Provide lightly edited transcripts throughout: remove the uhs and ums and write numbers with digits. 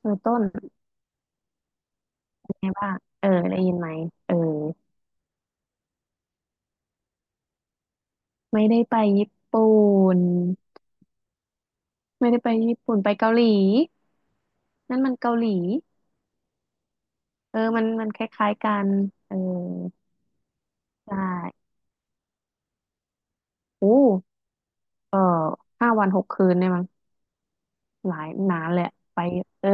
เออต้นไงบ้างเออได้ยินไหมเออไม่ได้ไปญี่ปุ่นไม่ได้ไปญี่ปุ่นไปเกาหลีนั่นมันเกาหลีเออมันคล้ายๆกันเออใช่โอ้เออ5 วัน 6 คืนเนี่ยมั้งหลายนานแหลยอะไปเออ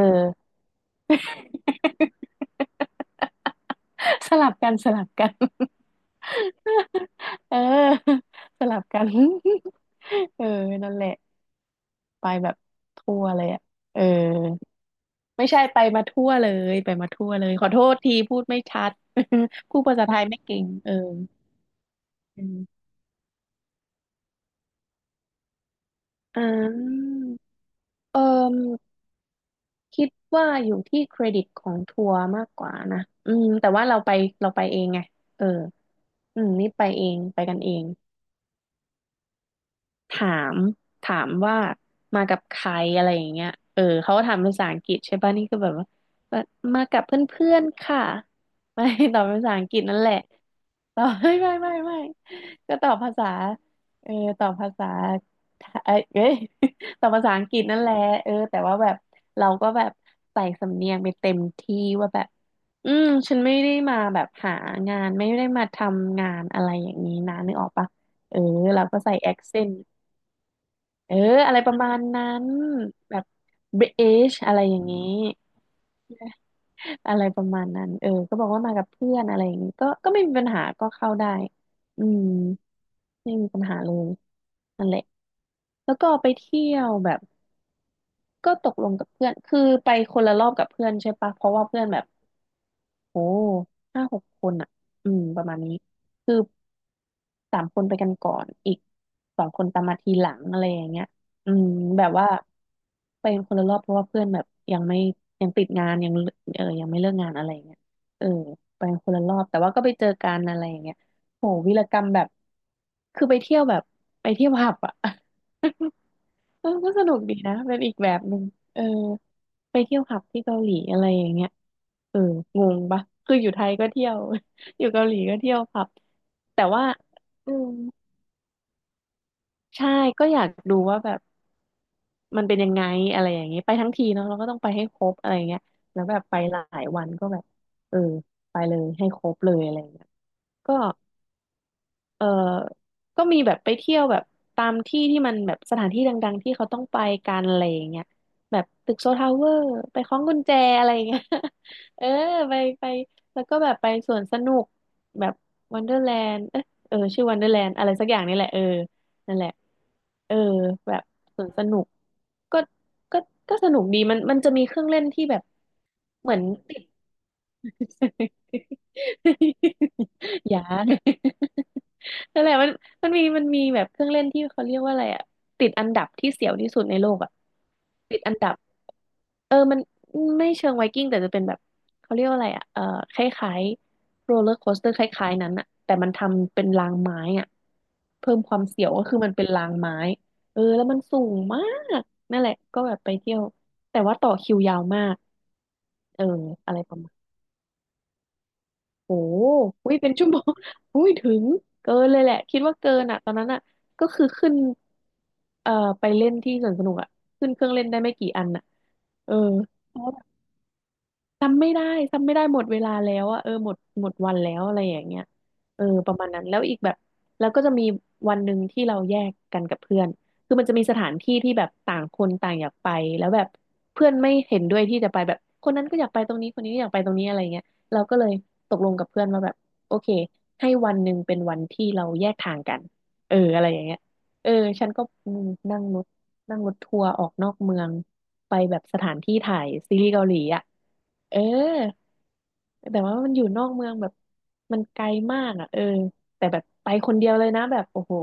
สลับกันสลับกัน เออสลับกัน เออนั่นแหละไปแบบทั่วเลยอ่ะเออ ไม่ใช่ไปมาทั่วเลยไปมาทั่วเลยขอโทษทีพูดไม่ชัด พูดภาษาไทยไม่เก่งเอออืมอ่าเออคิดว่าอยู่ที่เครดิตของทัวร์มากกว่านะอืมแต่ว่าเราไปเองไงเอออืมนี่ไปเองไปกันเอง ถามถามว่ามากับใครอะไรอย่างเงี้ยเออเขาก็ถามภาษาอังกฤษใช่ป่ะนี่ก็แบบว่ามามากับเพื่อนๆค่ะไม่ตอบภาษาอังกฤษนั่นแหละตอบไม่ไม่ไม่ไม่ก็ตอบภาษาเออตอบภาษาเอ้ย เอ้ย ตอบภาษาอังกฤษนั่นแหละเออแต่ว่าแบบเราก็แบบใส่สำเนียงไปเต็มที่ว่าแบบอืมฉันไม่ได้มาแบบหางานไม่ได้มาทำงานอะไรอย่างนี้นะนึกออกปะเออเราก็ใส่แอคเซน เอออะไรประมาณนั้นแบบ British อะไรอย่างนี้อะไรประมาณนั้นเออก็บอกว่ามากับเพื่อนอะไรอย่างนี้ก็ไม่มีปัญหาก็เข้าได้อืมไม่มีปัญหาเลยนั่นแหละแล้วก็ไปเที่ยวแบบก็ตกลงกับเพื่อนคือไปคนละรอบกับเพื่อนใช่ปะเพราะว่าเพื่อนแบบโอ้5-6 คนอ่ะอืมประมาณนี้คือ 3 คนไปกันก่อน อีก2 คนตามมาทีหลังอะไรอย่างเงี้ยอืมแบบว่าไปกันคนละรอบเพราะว่าเพื่อนแบบยังไม่ยังติดงานยังเออยังไม่เลิกงานอะไรอย่างเงี้ยเออไปกันคนละรอบแต่ว่าก็ไปเจอกันอะไรอย่างเงี้ยโหวีรกรรมแบบคือไปเที่ยวแบบไปเที่ยวผับอ่ะ เออก็สนุกดีนะเป็นอีกแบบหนึ่งเออไปเที่ยวผับที่เกาหลีอะไรอย่างเงี้ยเอองงปะคืออยู่ไทยก็เที่ยว อยู่เกาหลีก็เที่ยวผับแต่ว่าอืม ใช่ก็อยากดูว่าแบบมันเป็นยังไงอะไรอย่างเงี้ยไปทั้งทีเนาะเราก็ต้องไปให้ครบอะไรเงี้ยแล้วแบบไปหลายวันก็แบบเออไปเลยให้ครบเลยอะไรเงี้ยก็ เออก็มีแบบไปเที่ยวแบบตามที่ที่มันแบบสถานที่ดังๆที่เขาต้องไปกันอะไรอย่างเงี้ยแบบตึกโซทาวเวอร์ไปคล้องกุญแจอะไรอย่างเงี้ย เออไปไปแล้วก็แบบไปสวนสนุกแบบวันเดอร์แลนด์เออเออชื่อวันเดอร์แลนด์อะไรสักอย่างนี่แหละเออนั่นแหละเออแบบสวนสนุกก็ก็ก็สนุกดีมันจะมีเครื่องเล่นที่แบบเหมือนติด ยัง นั่นแหละมันมันมีแบบเครื่องเล่นที่เขาเรียกว่าอะไรอะติดอันดับที่เสียวที่สุดในโลกอะติดอันดับเออมันไม่เชิงไวกิ้งแต่จะเป็นแบบเขาเรียกว่าอะไรอะเออคล้ายๆโรลเลอร์โคสเตอร์คล้ายๆนั้นอะแต่มันทำเป็นรางไม้อะเพิ่มความเสียวก็คือมันเป็นรางไม้เออแล้วมันสูงมากนั่นแหละก็แบบไปเที่ยวแต่ว่าต่อคิวยาวมากเอออะไรประมาณ โอ้อุ้ยเป็นชั่วโมง อุ้ยถึงเกินเลยแหละคิดว่าเกินอ่ะตอนนั้นอ่ะก็คือขึ้นเอ่อไปเล่นที่สวนสนุกอ่ะขึ้นเครื่องเล่นได้ไม่กี่อันอ่ะเออ จำไม่ได้จำไม่ได้หมดเวลาแล้วอะเออหมดวันแล้วอะไรอย่างเงี้ยเออประมาณนั้นแล้วอีกแบบแล้วก็จะมีวันหนึ่งที่เราแยกกันกับเพื่อนคือมันจะมีสถานที่ที่แบบต่างคนต่างอยากไปแล้วแบบเพื่อนไม่เห็นด้วยที่จะไปแบบคนนั้นก็อยากไปตรงนี้คนนี้ก็อยากไปตรงนี้อะไรเงี้ยเราก็เลยตกลงกับเพื่อนว่าแบบโอเคให้วันหนึ่งเป็นวันที่เราแยกทางกันเอออะไรอย่างเงี้ยเออฉันก็อืมนั่งรถนั่งรถทัวร์ออกนอกเมืองไปแบบสถานที่ถ่ายซีรีส์เกาหลีอะ เออแต่ว่ามันอยู่นอกเมืองแบบมันไกลมากอ่ะเออแต่แบบไปคนเดียวเลยนะแบบโอ้โห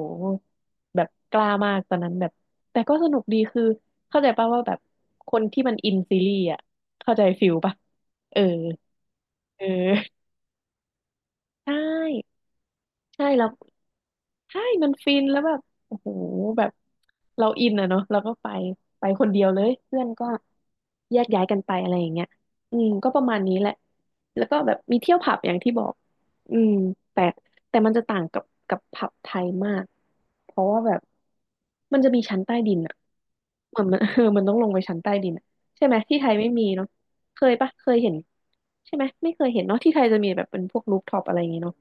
แบบกล้ามากตอนนั้นแบบแต่ก็สนุกดีคือเข้าใจป่ะว่าแบบคนที่มันอินซีรีส์อ่ะเข้าใจฟิลป่ะเออเออใช่ใช่แล้ว ใช่มันฟินแล้วแบบโอ้โหแบบเราอินอะเนาะเราก็ไปไปคนเดียวเลยเพื่อนก็แยกย้ายกันไปอะไรอย่างเงี้ยอืมก็ประมาณนี้แหละแล้วก็แบบมีเที่ยวผับอย่างที่บอกอืมแต่แต่มันจะต่างกับผับไทยมากเพราะว่าแบบมันจะมีชั้นใต้ดินอะเหมือนมัน เออ มันต้องลงไปชั้นใต้ดินอะใช่ไหมที่ไทยไม่มีเนาะเคยปะเคยเห็นใช่ไหมไม่เคยเห็นเนาะที่ไทยจะมีแบบเป็นพวกรูฟท็อปอะไรอย่างงี้เนาะ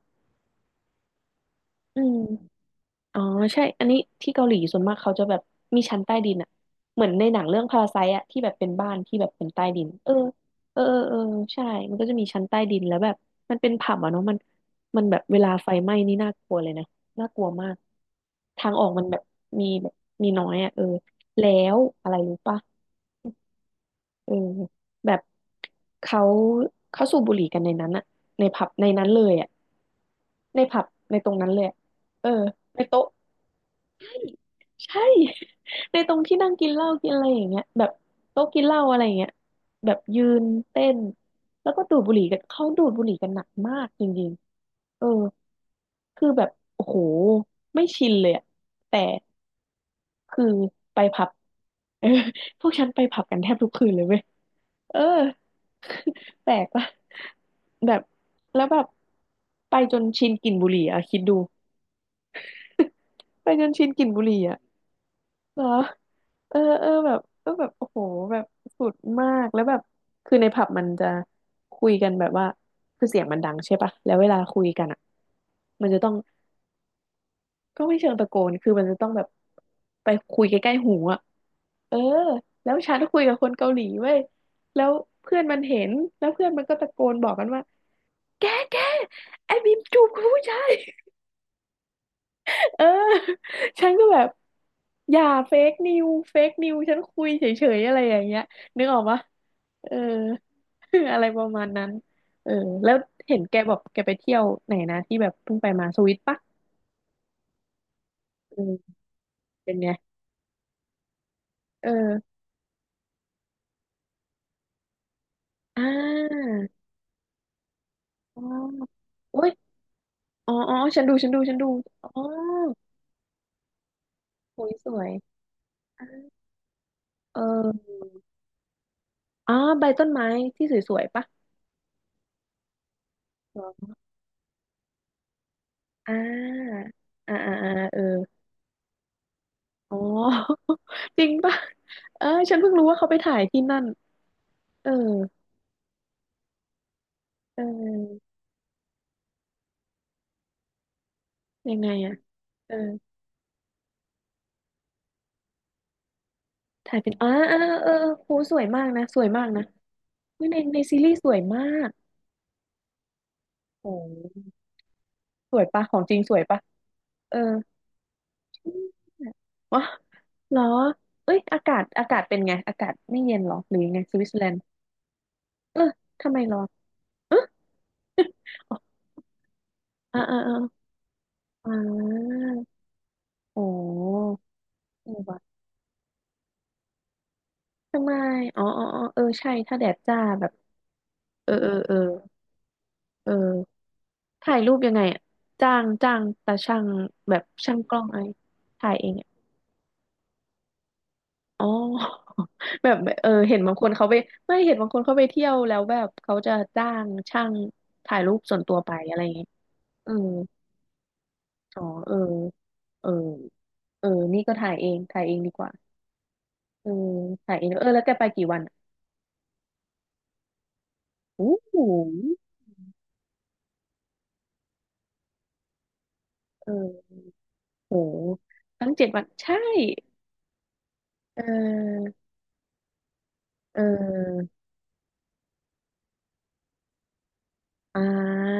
อืม อ๋อใช่อันนี้ที่เกาหลีส่วนมากเขาจะแบบมีชั้นใต้ดินอะเหมือนในหนังเรื่องพาราไซต์อะที่แบบเป็นบ้านที่แบบเป็นใต้ดินเออเออเออเออใช่มันก็จะมีชั้นใต้ดินแล้วแบบมันเป็นผับอะเนาะมันแบบเวลาไฟไหม้นี่น่ากลัวเลยนะน่ากลัวมากทางออกมันแบบมีแบบมีน้อยอะเออแล้วอะไรรู้ปะเออแบบเขาเขาสูบบุหรี่กันในนั้นอะในผับในนั้นเลยอะในผับในตรงนั้นเลยอะเออในโต๊ะ ใช่ ในตรงที่นั่งกินเหล้ากินอะไรอย่างเงี้ยแบบโต๊ะกินเหล้าอะไรอย่างเงี้ยแบบยืนเต้นแล้วก็ดูดบุหรี่กันเขาดูดบุหรี่กันหนักมากจริงๆเออคือแบบโอ้โหไม่ชินเลยอะแต่คือไปผับ เออพวกฉันไปผับกันแทบทุกคืนเลยเว้ยเออ แปลกปะแบบแล้วแบบไปจนชินกลิ่นบุหรี่อะคิดดูไปจนชินกลิ่นบุหรี่อะ เหรอเออเออแบบเออแบบโอ้โหแบบสุดมากแล้วแบบคือในผับมันจะคุยกันแบบว่าคือเสียงมันดังใช่ปะแล้วเวลาคุยกันอ่ะมันจะต้อง ก็ไม่เชิงตะโกนคือมันจะต้องแบบ ไปคุยใกล้ๆหูอ่ะเออแล้วฉันคุยกับคนเกาหลีเว้ยแล้วเพื่อนมันเห็น แล้วเพื่อนมันก็ตะโกนบอกกันว่าแกแกไอ้บีมจูบกับผู้ชาย เออ ฉันก็แบบอย่าเฟกนิวเฟกนิวฉันคุยเฉยๆอะไรอย่างเงี้ยนึกออกปะเออ อะไรประมาณนั้นเออแล้วเห็นแกบอกแกไปเที่ยวไหนนะที่แบบเพิ่งไปมาสวิตปะเออเป็นไงเอออ่าอ๋อโอ้ยอ๋อฉันดูอ๋อสวยสวยอ่าเอออ๋อใบต้นไม้ที่สวยๆปะอออ่าอ่าอ่าอ่าเออ อ๋อ จริงป่ะเออฉันเพิ่งรู้ว่าเขาไปถ่ายที่นั่นเออเออยังไงอะเออถ่ายเป็นอ๋อเออเออโหสวยมากนะสวยมากนะเฮ้ยในซีรีส์สวยมากโอ้สวยปะของจริงสวยปะเออ วะเหรอเอ้ยอากาศเป็นไงอากาศไม่เย็นเหรอหรือยังไงสวิตเซอร์แลนด์เออทำไมร้อนเออ อออ่าอ่าอ่าอ่าโอ้โห ทำไมอ๋อเออใช่ ถ้าแดดจ้าแบบเออเออเออเออถ่ายรูปยังไงอะจ้างตาช่างแบบช่างกล้องไอะไรถ่ายเองอะอ๋อ แบบเออเห็นบางคนเขาไปไม่เห็นบางคนเขาไปเที่ยวแล้วแบบเขาจะจ้างช่างถ่ายรูปส่วนตัวไปอะไรอย่างเงี้ยเอออ๋อเออเออเออนี่ก็ถ่ายเองดีกว่าเออถ่ายเองเออแล้วแกไปกี่วันอะอู้หูเออโหทั้งเจ็ดวันใช่เออ เอออ่า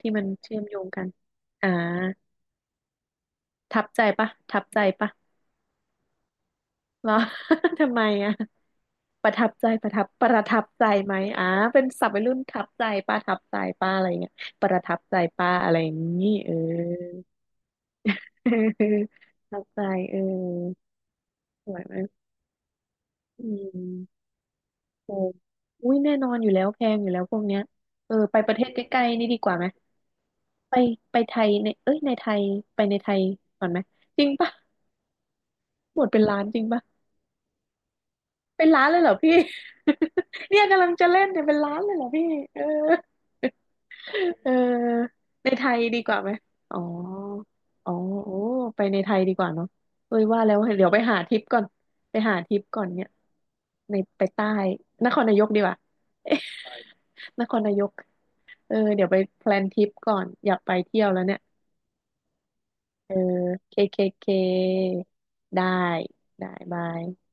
ที่มันเชื่อมโยงกันอ่าทับใจปะเหรอ ทำไมอ่ะประทับใจประทับใจไหมอ่าเป็นศัพท์วัยรุ่นทับใจป้าอะไรเงี้ยประทับใจป้าอะไรอย่างงี้เออ ทับใจเออสวยไหมอืมโอ้อุ้ยแน่นอนอยู่แล้วแพงอยู่แล้วพวกเนี้ยเออไปประเทศใกล้ๆนี่ดีกว่าไหมไปไปไทยในเอ้ยในไทยไปในไทยก่อนไหม จริงปะ หมดเป็นล้านจริงปะเป็นล้านเลยเหรอพี่ เนี่ยกำลังจะเล่นเนี่ยเป็นล้านเลยเหรอพี่เออ เออในไทยดีกว่าไหมอ๋ออ๋อโอ้ไปในไทยดีกว่าเนาะเอ้ยว่าแล้วเดี๋ยวไปหาทริปก่อนไปหาทริปก่อนเนี่ยในไปใต้นครนายกดีกว่านครนายกเออเดี๋ยวไปแพลนทริปก่อนอยากไปเที่ยวแล้วเนี่ยเออเคได้ได้บาย